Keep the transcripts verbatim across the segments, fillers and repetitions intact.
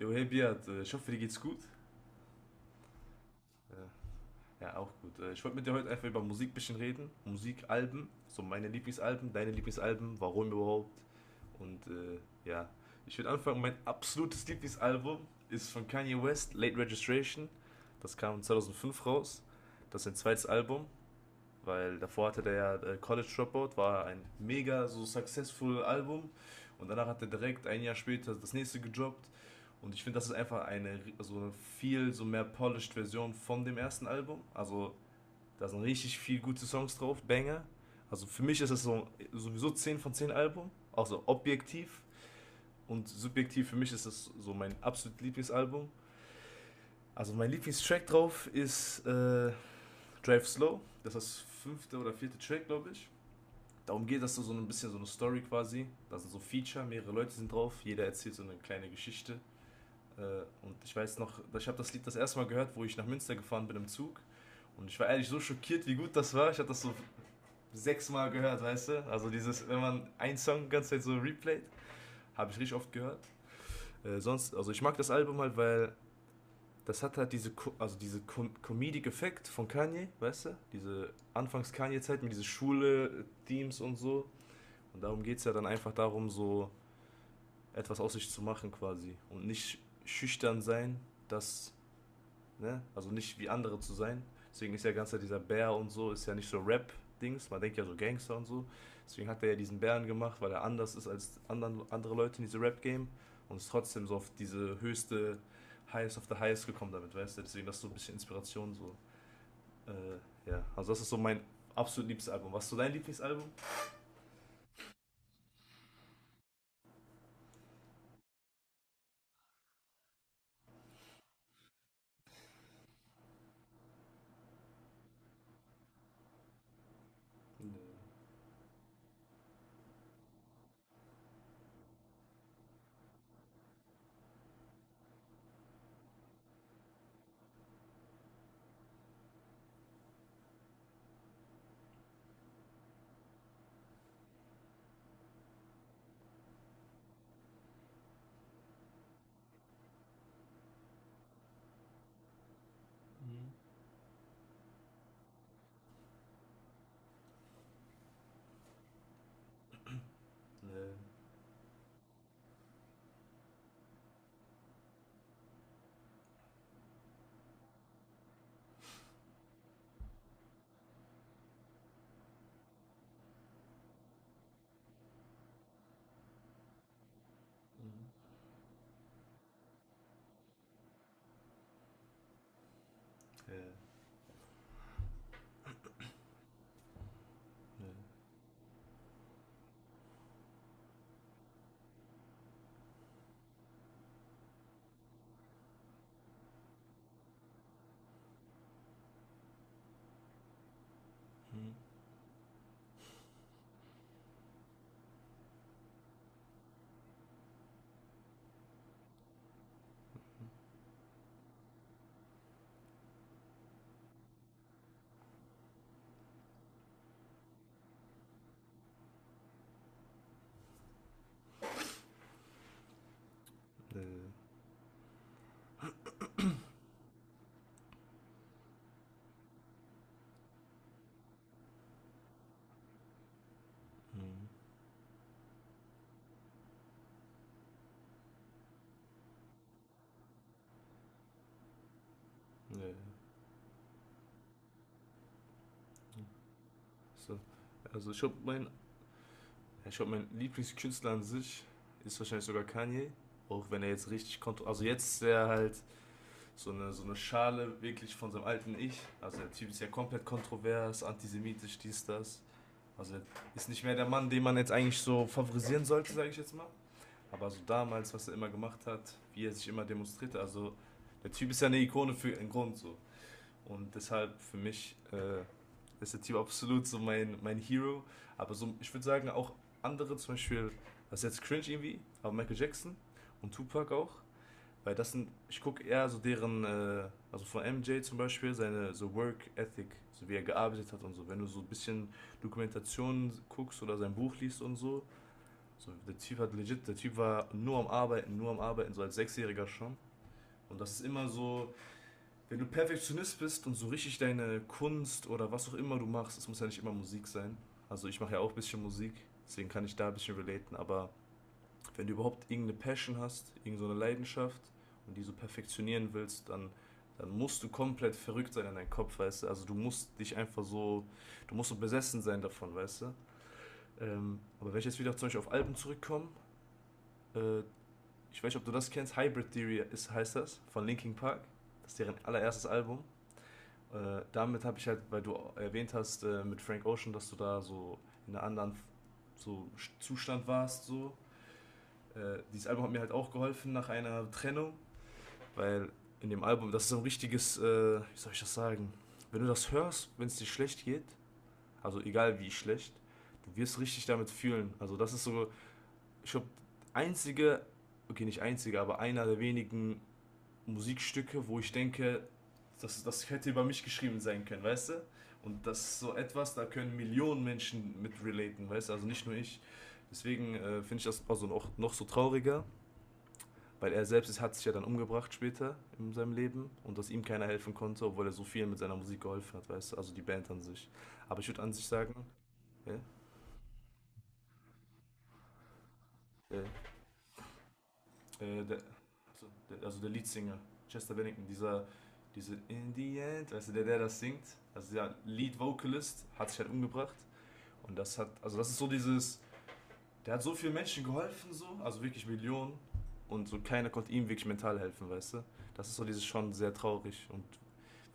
Jo, hey Biat, äh, ich hoffe, dir geht's gut. Äh, Ja, auch gut. Äh, Ich wollte mit dir heute einfach über Musik ein bisschen reden. Musikalben, so meine Lieblingsalben, deine Lieblingsalben, warum überhaupt. Und äh, ja, ich würde anfangen, mein absolutes Lieblingsalbum ist von Kanye West, Late Registration. Das kam zweitausendfünf raus. Das ist sein zweites Album. Weil davor hatte der ja äh, College Dropout, war ein mega so successful Album, und danach hat er direkt ein Jahr später das nächste gejobbt. Und ich finde, das ist einfach eine so viel so mehr polished Version von dem ersten Album. Also da sind richtig viel gute Songs drauf, Banger. Also für mich ist das so, sowieso zehn von zehn Album, auch so objektiv. Und subjektiv für mich ist das so mein absolut Lieblingsalbum. Also mein Lieblingstrack drauf ist äh, Drive Slow. Das ist das fünfte oder vierte Track, glaube ich, darum geht, dass du so ein bisschen so eine Story quasi, da sind so Feature, mehrere Leute sind drauf, jeder erzählt so eine kleine Geschichte. Äh, Und ich weiß noch, ich habe das Lied das erste Mal gehört, wo ich nach Münster gefahren bin im Zug. Und ich war ehrlich so schockiert, wie gut das war. Ich habe das so sechsmal gehört, weißt du? Also dieses, wenn man einen Song die ganze Zeit so replayt, habe ich richtig oft gehört. Äh, sonst, also ich mag das Album halt, weil das hat halt diese, also diese Com Comedic Effekt von Kanye, weißt du? Diese Anfangs Kanye Zeit mit diese Schule äh, Themes und so. Und darum geht es ja dann einfach darum, so etwas aus sich zu machen quasi. Und nicht schüchtern sein, das, ne? Also nicht wie andere zu sein. Deswegen ist ja ganz dieser Bär und so, ist ja nicht so Rap-Dings. Man denkt ja so Gangster und so. Deswegen hat er ja diesen Bären gemacht, weil er anders ist als anderen, andere Leute in diesem Rap-Game. Und ist trotzdem so auf diese höchste Highest of the Highest gekommen damit, weißt du? Deswegen das ist so ein bisschen Inspiration so. Äh, ja, also das ist so mein absolut liebstes Album. Was ist so dein Lieblingsalbum? Nee. Mhm. Nee. Mhm. Ja. Nee. Hm. Nee. Hm. Nee. So. Also ich glaube, mein, ich glaub, mein Lieblingskünstler an sich ist wahrscheinlich sogar Kanye. Auch wenn er jetzt richtig kontrolliert. Also jetzt ist er halt so eine, so eine Schale wirklich von seinem alten Ich. Also der Typ ist ja komplett kontrovers, antisemitisch, dies, das. Also er ist nicht mehr der Mann, den man jetzt eigentlich so favorisieren sollte, sage ich jetzt mal. Aber so damals, was er immer gemacht hat, wie er sich immer demonstrierte. Also der Typ ist ja eine Ikone für einen Grund so. Und deshalb für mich äh, ist der Typ absolut so mein, mein Hero. Aber so, ich würde sagen, auch andere, zum Beispiel, das ist jetzt cringe irgendwie, aber Michael Jackson und Tupac auch. Weil das sind, ich gucke eher so deren, äh, also von M J zum Beispiel, seine so Work Ethic, so wie er gearbeitet hat und so. Wenn du so ein bisschen Dokumentationen guckst oder sein Buch liest und so, so der Typ hat legit, der Typ war nur am Arbeiten, nur am Arbeiten, so als Sechsjähriger schon. Und das ist immer so, wenn du Perfektionist bist und so richtig deine Kunst oder was auch immer du machst, es muss ja nicht immer Musik sein. Also ich mache ja auch ein bisschen Musik, deswegen kann ich da ein bisschen relaten. Aber wenn du überhaupt irgendeine Passion hast, irgendeine Leidenschaft und die so perfektionieren willst, dann, dann musst du komplett verrückt sein in deinem Kopf, weißt du. Also du musst dich einfach so, du musst so besessen sein davon, weißt du. Ähm, aber wenn ich jetzt wieder zum Beispiel auf Alben zurückkomme, äh, ich weiß nicht, ob du das kennst, Hybrid Theory ist, heißt das, von Linkin Park. Das ist deren allererstes Album. Äh, damit habe ich halt, weil du erwähnt hast äh, mit Frank Ocean, dass du da so in einem anderen so Sch- Zustand warst, so. Äh, dieses Album hat mir halt auch geholfen nach einer Trennung, weil in dem Album, das ist so ein richtiges, äh, wie soll ich das sagen, wenn du das hörst, wenn es dir schlecht geht, also egal wie schlecht, du wirst richtig damit fühlen. Also das ist so, ich glaube, einzige, okay, nicht einzige, aber einer der wenigen Musikstücke, wo ich denke, das, das hätte über mich geschrieben sein können, weißt du? Und das ist so etwas, da können Millionen Menschen mit relaten, weißt du? Also nicht nur ich. Deswegen äh, finde ich das also noch, noch so trauriger, weil er selbst ist, hat sich ja dann umgebracht später in seinem Leben, und dass ihm keiner helfen konnte, obwohl er so viel mit seiner Musik geholfen hat, weißt du? Also die Band an sich. Aber ich würde an sich sagen, äh, äh, Äh, der, also, der, also der Leadsinger, Chester Bennington, dieser, diese In the End, weißt du, der, der das singt, also der Lead Vocalist, hat sich halt umgebracht. Und das hat, also das ist so dieses, der hat so vielen Menschen geholfen, so, also wirklich Millionen. Und so keiner konnte ihm wirklich mental helfen, weißt du? Das ist so dieses schon sehr traurig und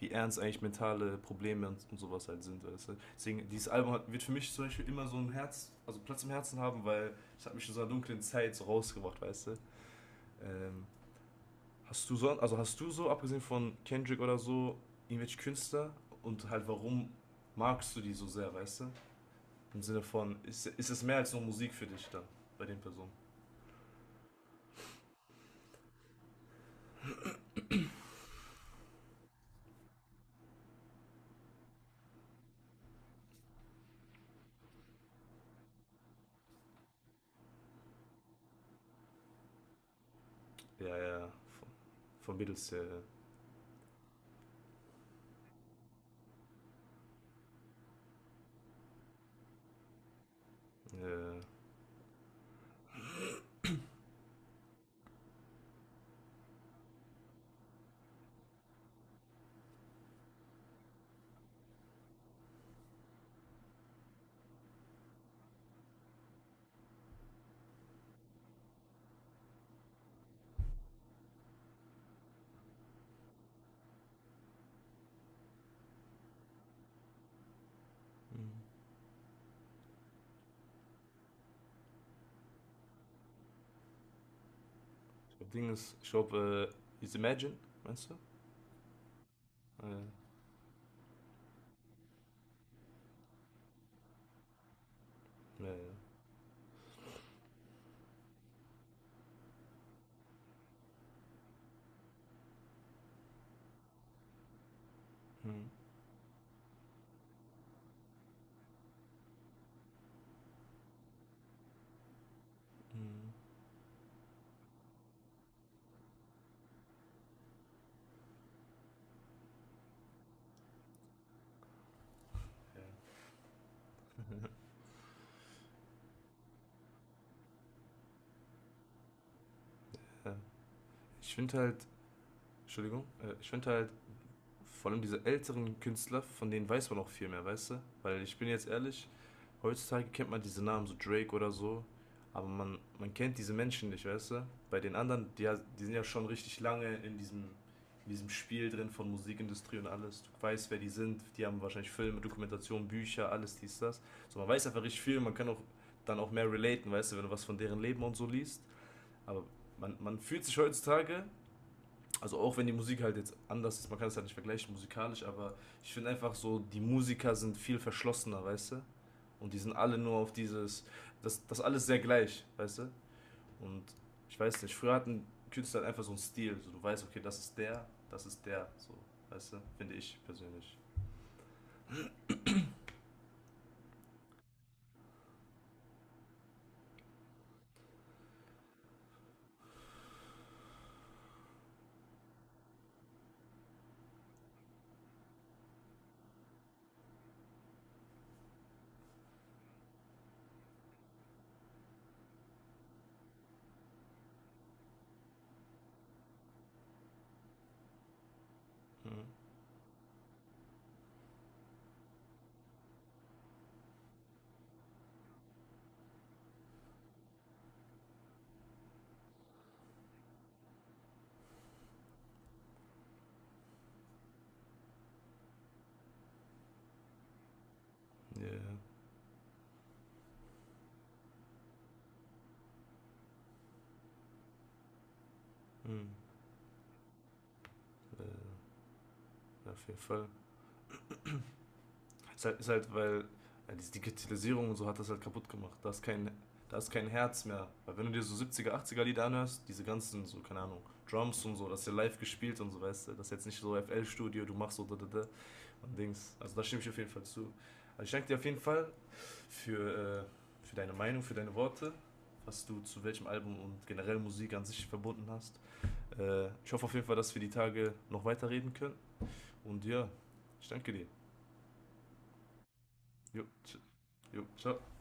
wie ernst eigentlich mentale Probleme und, und sowas halt sind, weißt du? Deswegen, dieses Album hat, wird für mich zum Beispiel immer so ein Herz, also Platz im Herzen haben, weil es hat mich in so einer dunklen Zeit so rausgebracht, weißt du? Ähm, Hast du so, also hast du so, abgesehen von Kendrick oder so, irgendwelche Künstler und halt warum magst du die so sehr, weißt du? Im Sinne von, ist, ist es mehr als nur Musik für dich dann, bei den Personen? Ja, ja, von, von, Beatles, ja, ja. Ja. Mhm. Ich glaube, Ding ist, ich glaube, äh, ist Imagine, meinst du? Ah, ja, ja, ja. Mhm. Mhm. Ja. Ja. Ich finde halt, Entschuldigung, äh, ich finde halt, vor allem diese älteren Künstler, von denen weiß man auch viel mehr, weißt du? Weil ich bin jetzt ehrlich, heutzutage kennt man diese Namen, so Drake oder so, aber man, man kennt diese Menschen nicht, weißt du? Bei den anderen, die, die sind ja schon richtig lange in diesem, in diesem Spiel drin von Musikindustrie und alles. Du weißt, wer die sind, die haben wahrscheinlich Filme, Dokumentationen, Bücher, alles dies, das. So, man weiß einfach richtig viel, man kann auch dann auch mehr relaten, weißt du, wenn du was von deren Leben und so liest. Aber man, man fühlt sich heutzutage, also auch wenn die Musik halt jetzt anders ist, man kann es halt nicht vergleichen musikalisch, aber ich finde einfach so, die Musiker sind viel verschlossener, weißt du? Und die sind alle nur auf dieses, das, das alles sehr gleich, weißt du? Und ich weiß nicht, früher hatten Künstler halt einfach so einen Stil, so du weißt, okay, das ist der, das ist der, so, weißt du? Finde ich persönlich. Ja. Yeah. Mhm. Äh, auf jeden Fall. Ist halt, ist halt weil ja, diese Digitalisierung und so hat das halt kaputt gemacht. Da ist kein, da ist kein Herz mehr. Weil wenn du dir so siebziger, achtziger Lieder anhörst, diese ganzen, so, keine Ahnung, Drums und so, das ist ja live gespielt und so, weißt du, das ist jetzt nicht so F L studio du machst so da, da, da, und Dings. Also da stimme ich auf jeden Fall zu. Also ich danke dir auf jeden Fall für, äh, für deine Meinung, für deine Worte, was du zu welchem Album und generell Musik an sich verbunden hast. Äh, ich hoffe auf jeden Fall, dass wir die Tage noch weiterreden können. Und ja, ich danke dir. Jo, tsch- jo, ciao.